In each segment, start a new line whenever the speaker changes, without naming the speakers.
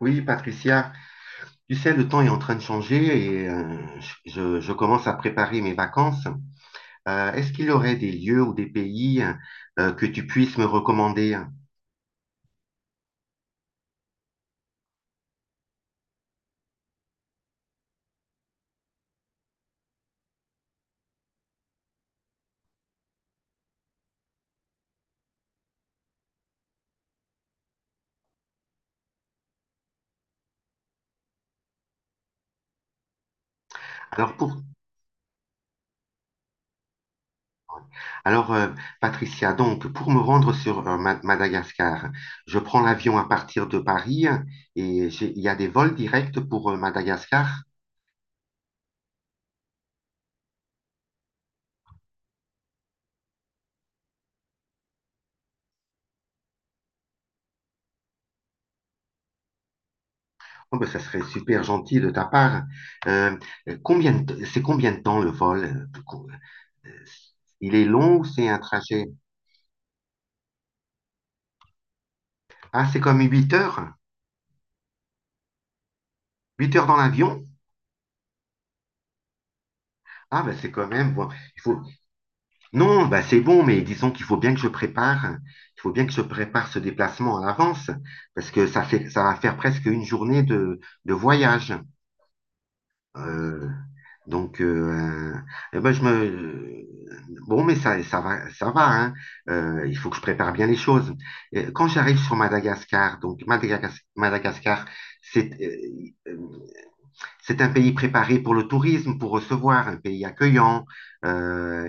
Oui, Patricia, tu sais, le temps est en train de changer et je commence à préparer mes vacances. Est-ce qu'il y aurait des lieux ou des pays que tu puisses me recommander? Alors, pour, alors Patricia, donc, pour me rendre sur Madagascar, je prends l'avion à partir de Paris et il y a des vols directs pour Madagascar. Oh, ben, ça serait super gentil de ta part. Euh, combien c'est combien de temps le vol? euh, euh, euh, Il est long ou c'est un trajet? Ah, c'est comme 8 heures? 8 heures dans l'avion? Ah, ben c'est quand même... Bon, il faut... Non, ben, c'est bon, mais disons qu'il faut bien que je prépare. Il faut bien que je prépare ce déplacement à l'avance parce que ça va faire presque une journée de voyage. Euh, donc, euh, euh, eh ben, bon, mais ça, ça va, hein. Il faut que je prépare bien les choses. Et quand j'arrive sur Madagascar, donc Madagascar, c'est euh, euh, c'est un pays préparé pour le tourisme, pour recevoir, un pays accueillant. Euh,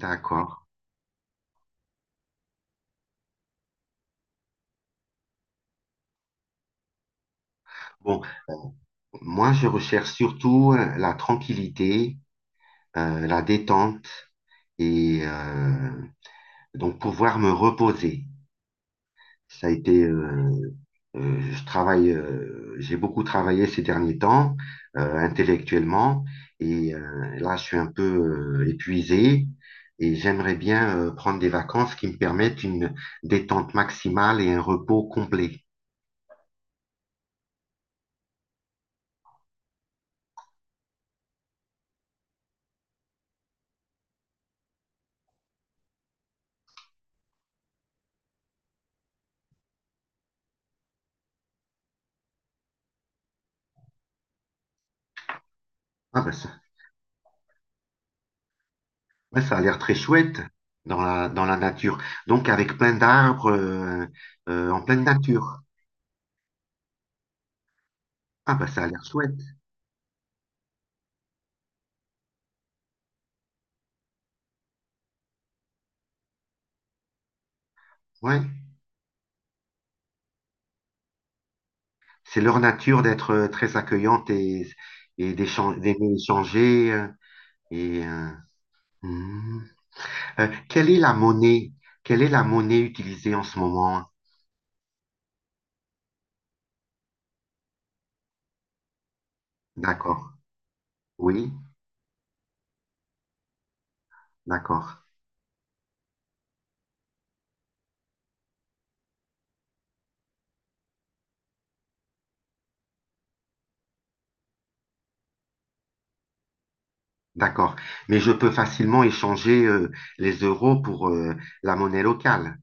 d'accord. Bon, moi, je recherche surtout la tranquillité, la détente et donc pouvoir me reposer. Ça a été, euh, je travaille, j'ai beaucoup travaillé ces derniers temps, intellectuellement, et là, je suis un peu épuisé et j'aimerais bien prendre des vacances qui me permettent une détente maximale et un repos complet. Ah ben ça, ouais, ça a l'air très chouette dans la nature. Donc avec plein d'arbres en pleine nature. Ah ben ça a l'air chouette. Ouais. C'est leur nature d'être très accueillante et, et d'aimer échanger et euh, Hmm. Quelle est la monnaie? Quelle est la monnaie utilisée en ce moment? D'accord. Oui, d'accord, d'accord. Mais je peux facilement échanger les euros pour la monnaie locale.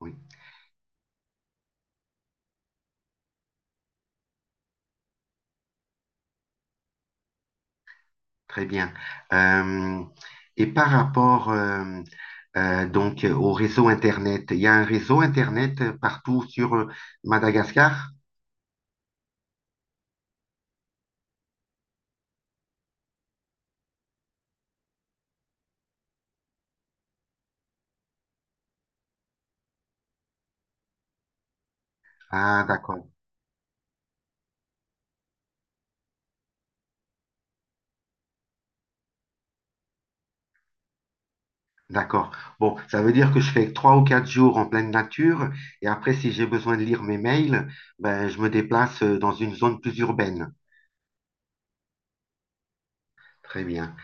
Oui, très bien. Euh, et par rapport donc au réseau Internet, il y a un réseau Internet partout sur Madagascar? Ah, d'accord. D'accord. Bon, ça veut dire que je fais 3 ou 4 jours en pleine nature et après, si j'ai besoin de lire mes mails, ben, je me déplace dans une zone plus urbaine. Très bien.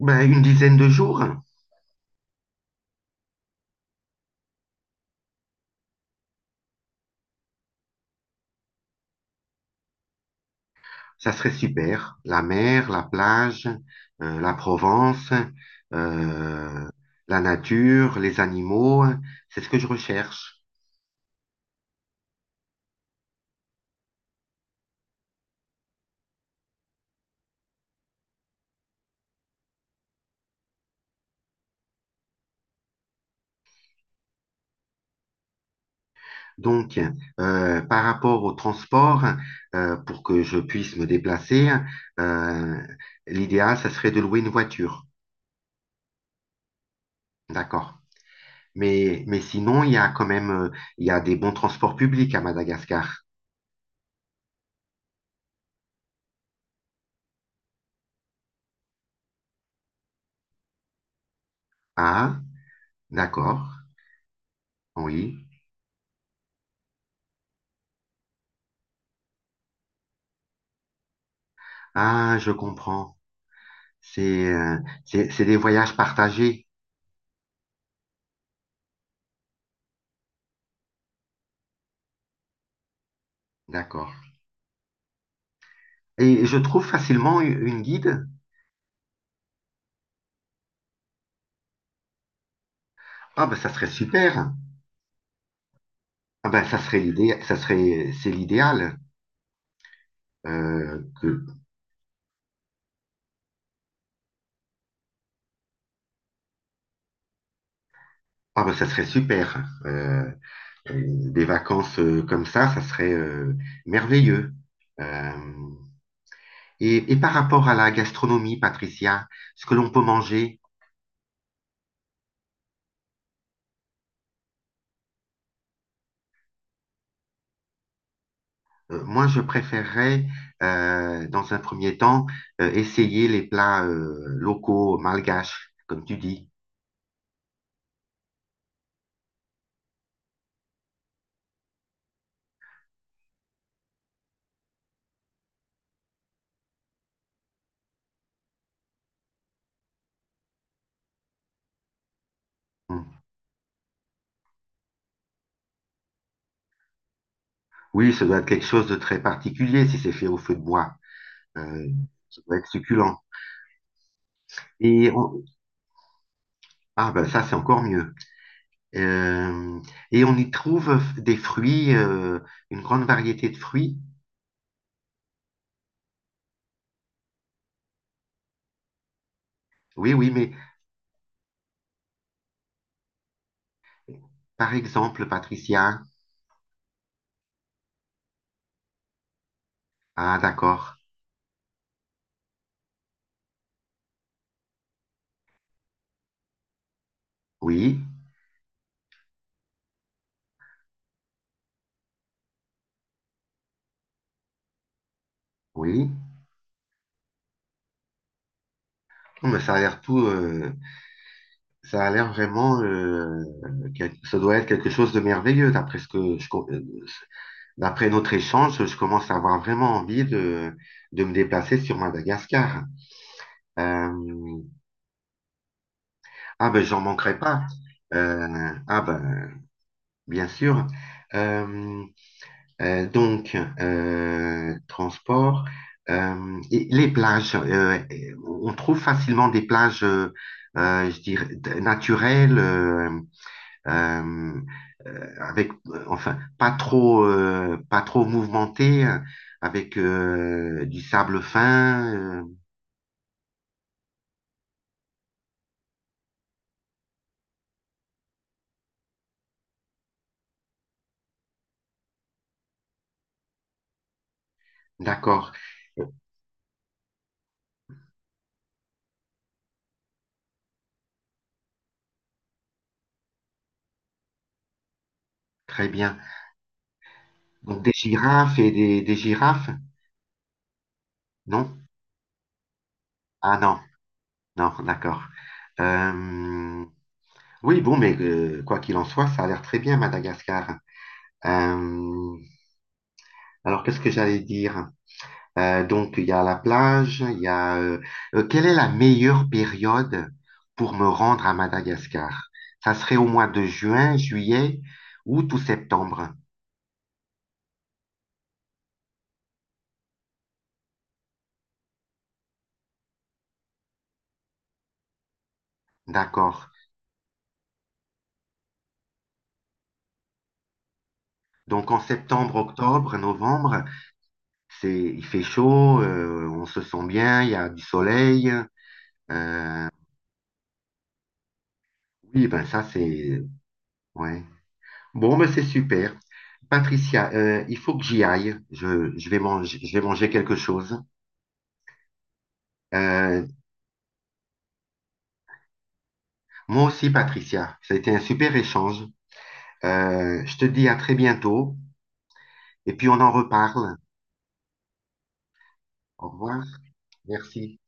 Ben, une dizaine de jours, ça serait super. La mer, la plage, la Provence, euh, la nature, les animaux, c'est ce que je recherche. Donc, par rapport au transport, pour que je puisse me déplacer, euh, l'idéal, ça serait de louer une voiture. D'accord. Mais sinon, il y a quand même, il y a des bons transports publics à Madagascar. Ah, d'accord. Oui. Ah, je comprends. C'est, euh, c'est des voyages partagés. D'accord. Et je trouve facilement une guide. Ah, ben, ça serait super. Ah, ben, ça serait l'idée, ça serait, c'est l'idéal. Euh, que, ah ben, ça serait super. Euh, des vacances comme ça serait merveilleux. Euh, et par rapport à la gastronomie, Patricia, ce que l'on peut manger, moi je préférerais, dans un premier temps, essayer les plats locaux, malgaches, comme tu dis. Hmm. Oui, ça doit être quelque chose de très particulier si c'est fait au feu de bois. Euh, ça doit être succulent. Et on- Ah ben ça, c'est encore mieux. Euh, Et on y trouve des fruits, une grande variété de fruits. Oui, oui, mais par exemple, Patricia. Ah d'accord. Oui, oui. Oh, mais ça a l'air tout, ça a l'air vraiment, ça doit être quelque chose de merveilleux. D'après notre échange, je commence à avoir vraiment envie de me déplacer sur Madagascar. Euh, ah ben, j'en manquerai pas. Ah ben, bien sûr. Euh, donc, transport. Et les plages, on trouve facilement des plages, je dirais, naturelles. Euh, avec, enfin, pas trop, pas trop mouvementé, avec du sable fin. D'accord, très bien. Donc des girafes et des girafes, non? Ah non, non, d'accord. Euh, oui, bon, mais quoi qu'il en soit, ça a l'air très bien, Madagascar. Euh, alors, qu'est-ce que j'allais dire? Donc, il y a la plage, il y a... quelle est la meilleure période pour me rendre à Madagascar? Ça serait au mois de juin, juillet, août ou septembre. D'accord. Donc, en septembre, octobre, novembre, c'est, il fait chaud, on se sent bien, il y a du soleil. Euh, oui, ben ça, c'est... Ouais. Bon, ben c'est super. Patricia, il faut que j'y aille. Je vais manger, je vais manger quelque chose. Euh, Moi aussi, Patricia. Ça a été un super échange. Je te dis à très bientôt et puis on en reparle. Au revoir. Merci.